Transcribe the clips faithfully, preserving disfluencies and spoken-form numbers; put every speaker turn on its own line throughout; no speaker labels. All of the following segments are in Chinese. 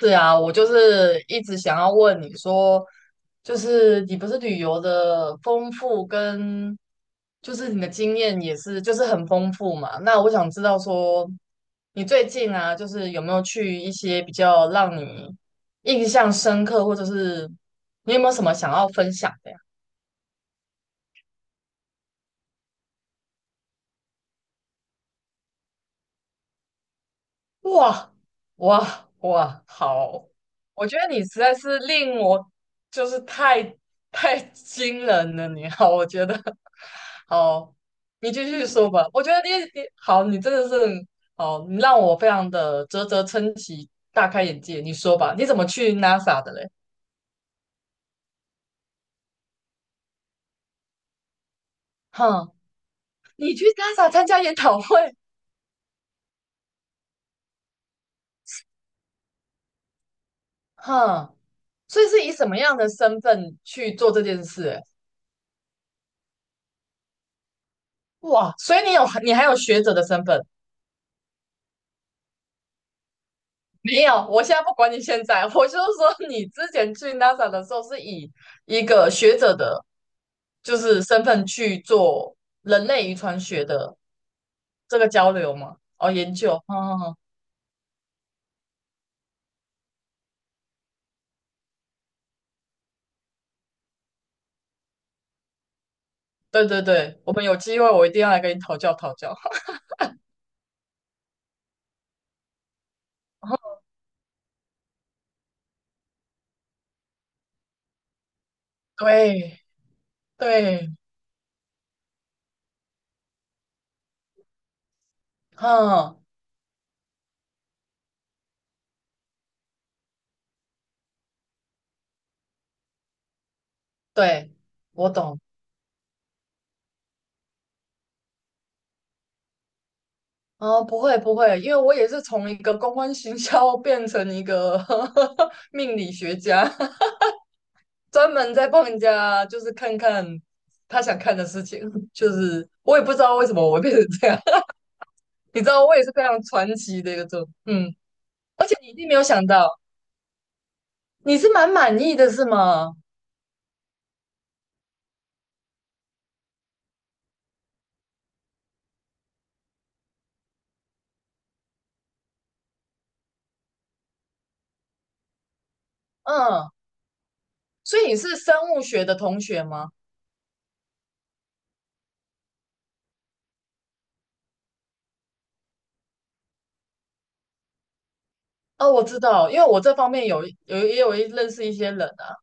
是啊，我就是一直想要问你说，就是你不是旅游的丰富跟，就是你的经验也是就是很丰富嘛？那我想知道说，你最近啊，就是有没有去一些比较让你印象深刻，或者是你有没有什么想要分享的？呀？哇哇哇，好！我觉得你实在是令我就是太太惊人了，你好，我觉得好，你继续说吧。我觉得你你好，你真的是好，你让我非常的啧啧称奇，大开眼界。你说吧，你怎么去 NASA 的嘞？哼，你去 NASA 参加研讨会，哼，所以是以什么样的身份去做这件事欸哇，所以你有你还有学者的身份。没有，我现在不管你现在，我就是说你之前去 NASA 的时候是以一个学者的，就是身份去做人类遗传学的这个交流嘛，哦，研究，嗯，对对对，我们有机会我一定要来跟你讨教讨教。对对，嗯，对，我懂。哦，不会不会，因为我也是从一个公关行销变成一个 命理学家。专门在帮人家，就是看看他想看的事情，就是我也不知道为什么我会变成这样，你知道我也是非常传奇的一个状，嗯，而且你一定没有想到，你是蛮满意的是吗？嗯，所以你是生物学的同学吗？哦，我知道，因为我这方面有有也有一认识一些人啊，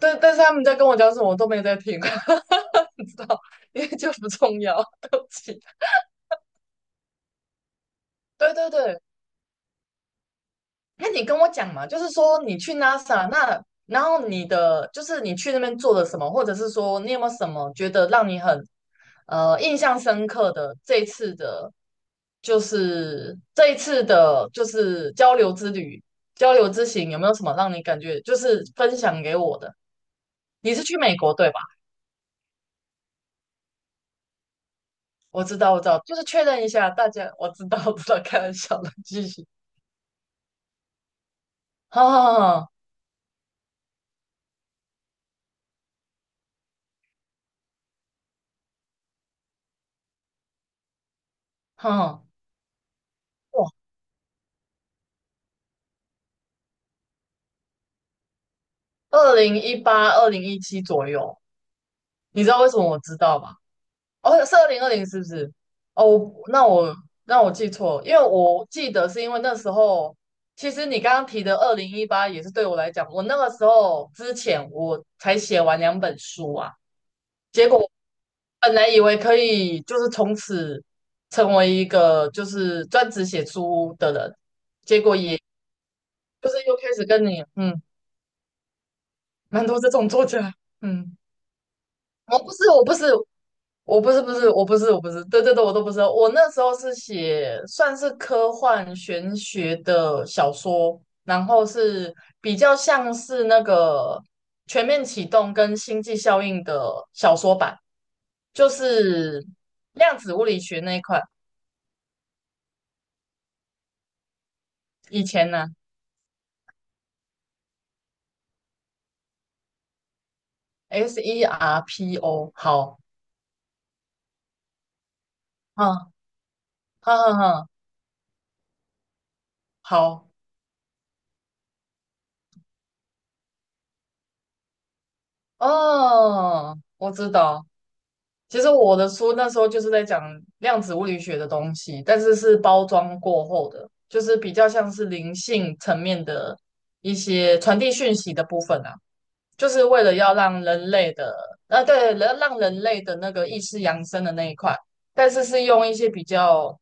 但但是他们在跟我讲什么，我都没在听，你知道，因为就不重要，对不起。对对对，那你跟我讲嘛，就是说你去 NASA 那，然后你的就是你去那边做了什么，或者是说你有没有什么觉得让你很呃印象深刻的这一次的，就是这一次的，就是交流之旅、交流之行，有没有什么让你感觉就是分享给我的？你是去美国对吧？我知道，我知道，就是确认一下大家，我知道，我知道，开玩笑的，继续，好好好好，好哇，二零一八、二零一七左右。你知道为什么我知道吗？哦，是二零二零是不是？哦，我那我那我记错了因为我记得是因为那时候，其实你刚刚提的二零一八也是对我来讲，我那个时候之前我才写完两本书啊，结果本来以为可以就是从此成为一个就是专职写书的人，结果也就是又开始跟你嗯，蛮多这种作家，嗯，我不是我不是，我不是不是我不是我不是，对对对，我都不是哦。我那时候是写算是科幻玄学的小说，然后是比较像是那个《全面启动》跟《星际效应》的小说版，就是量子物理学那一块。以前呢，S E R P O，好，嗯，哼哼哼好，哦，我知道。其实我的书那时候就是在讲量子物理学的东西，但是是包装过后的，就是比较像是灵性层面的一些传递讯息的部分啊，就是为了要让人类的，呃，对，让让人类的那个意识扬升的那一块，但是是用一些比较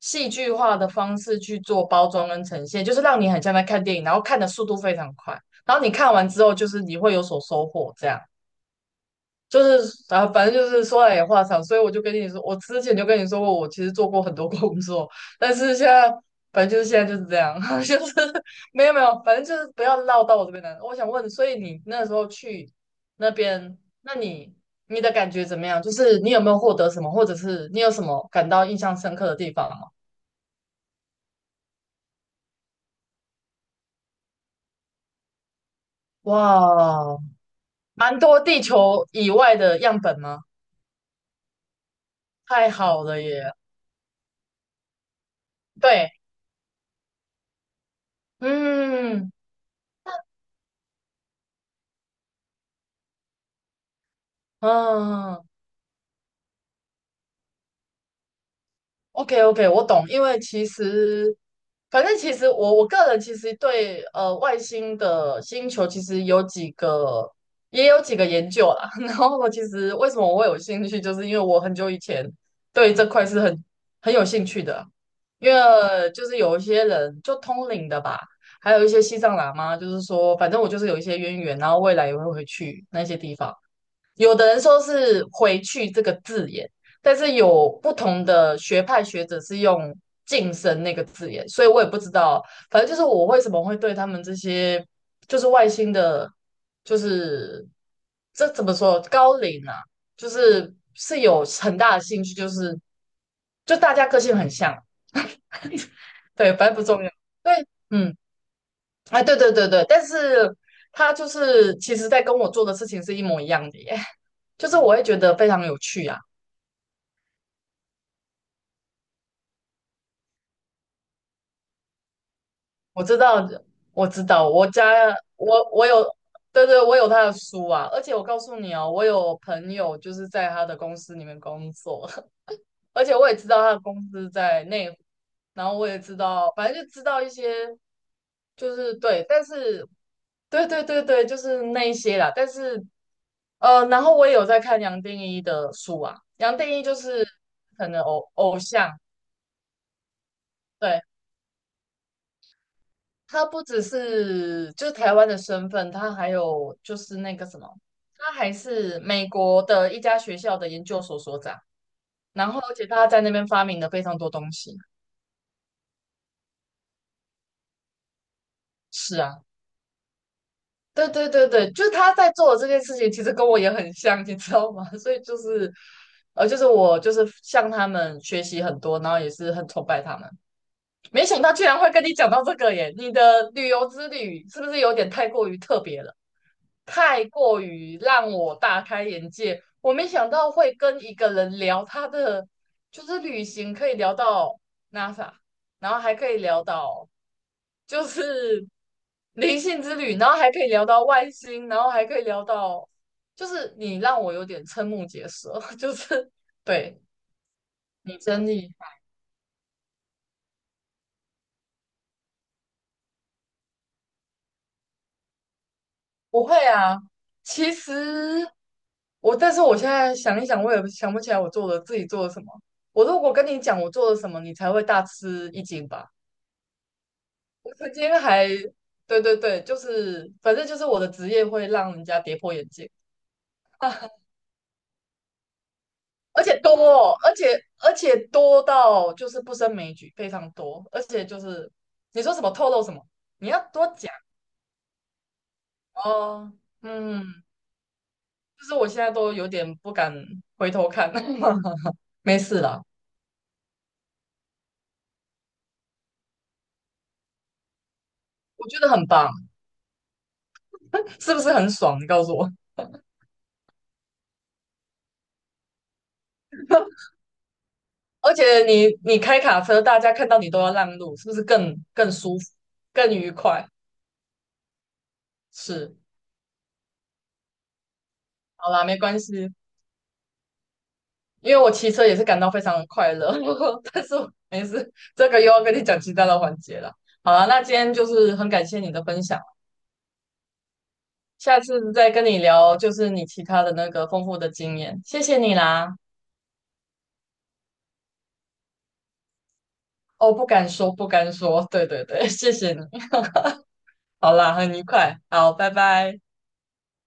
戏剧化的方式去做包装跟呈现，就是让你很像在看电影，然后看的速度非常快，然后你看完之后，就是你会有所收获这样。就是啊，反正就是说来也话长，所以我就跟你说，我之前就跟你说过，我其实做过很多工作，但是现在反正就是现在就是这样，就是没有没有，反正就是不要绕到我这边来。我想问，所以你那时候去那边，那你你的感觉怎么样？就是你有没有获得什么，或者是你有什么感到印象深刻的地方吗？哇，蛮多地球以外的样本吗？太好了耶！对，嗯嗯。OK OK，我懂，因为其实，反正其实我我个人其实对呃外星的星球其实有几个也有几个研究啦。然后我其实为什么我会有兴趣，就是因为我很久以前对这块是很很有兴趣的，因为就是有一些人就通灵的吧，还有一些西藏喇嘛，就是说反正我就是有一些渊源，然后未来也会回去那些地方。有的人说是"回去"这个字眼，但是有不同的学派学者是用"晋升"那个字眼，所以我也不知道。反正就是我为什么会对他们这些就是外星的，就是这怎么说高龄啊，就是是有很大的兴趣，就是就大家个性很像，对，反正不重要。对，嗯，啊，对对对对，但是他就是其实在跟我做的事情是一模一样的耶。就是我会觉得非常有趣啊。我知道，我知道，我家我我有，对对，我有他的书啊，而且我告诉你哦，我有朋友就是在他的公司里面工作，而且我也知道他的公司在内湖然后我也知道，反正就知道一些，就是对，但是对对对对，就是那一些啦，但是呃，然后我也有在看杨定一的书啊，杨定一就是可能偶偶像。对。他不只是就是台湾的身份，他还有就是那个什么，他还是美国的一家学校的研究所所长。然后，而且他在那边发明了非常多东西。是啊，对对对对，就是他在做的这件事情，其实跟我也很像，你知道吗？所以就是，呃，就是我就是向他们学习很多，然后也是很崇拜他们。没想到居然会跟你讲到这个耶！你的旅游之旅是不是有点太过于特别了？太过于让我大开眼界。我没想到会跟一个人聊他的，就是旅行可以聊到 NASA，然后还可以聊到就是 灵性之旅，然后还可以聊到外星，然后还可以聊到，就是你让我有点瞠目结舌，就是对你真厉不会啊，其实我，但是我现在想一想，我也想不起来我做了自己做了什么。我如果跟你讲我做了什么，你才会大吃一惊吧？我曾经还，对对对，就是反正就是我的职业会让人家跌破眼镜，而且多哦，而且而且多到就是不胜枚举，非常多，而且就是你说什么透露什么，你要多讲哦。嗯，就是我现在都有点不敢回头看，没事啦。我觉得很棒，是不是很爽？你告诉我。而且你你开卡车，大家看到你都要让路，是不是更更舒服、更愉快？是，好啦，没关系，因为我骑车也是感到非常的快乐，但是我没事，这个又要跟你讲其他的环节了。好啦，那今天就是很感谢你的分享，下次再跟你聊就是你其他的那个丰富的经验，谢谢你啦。哦，不敢说，不敢说，对对对，谢谢你。好啦，很愉快，好，拜拜。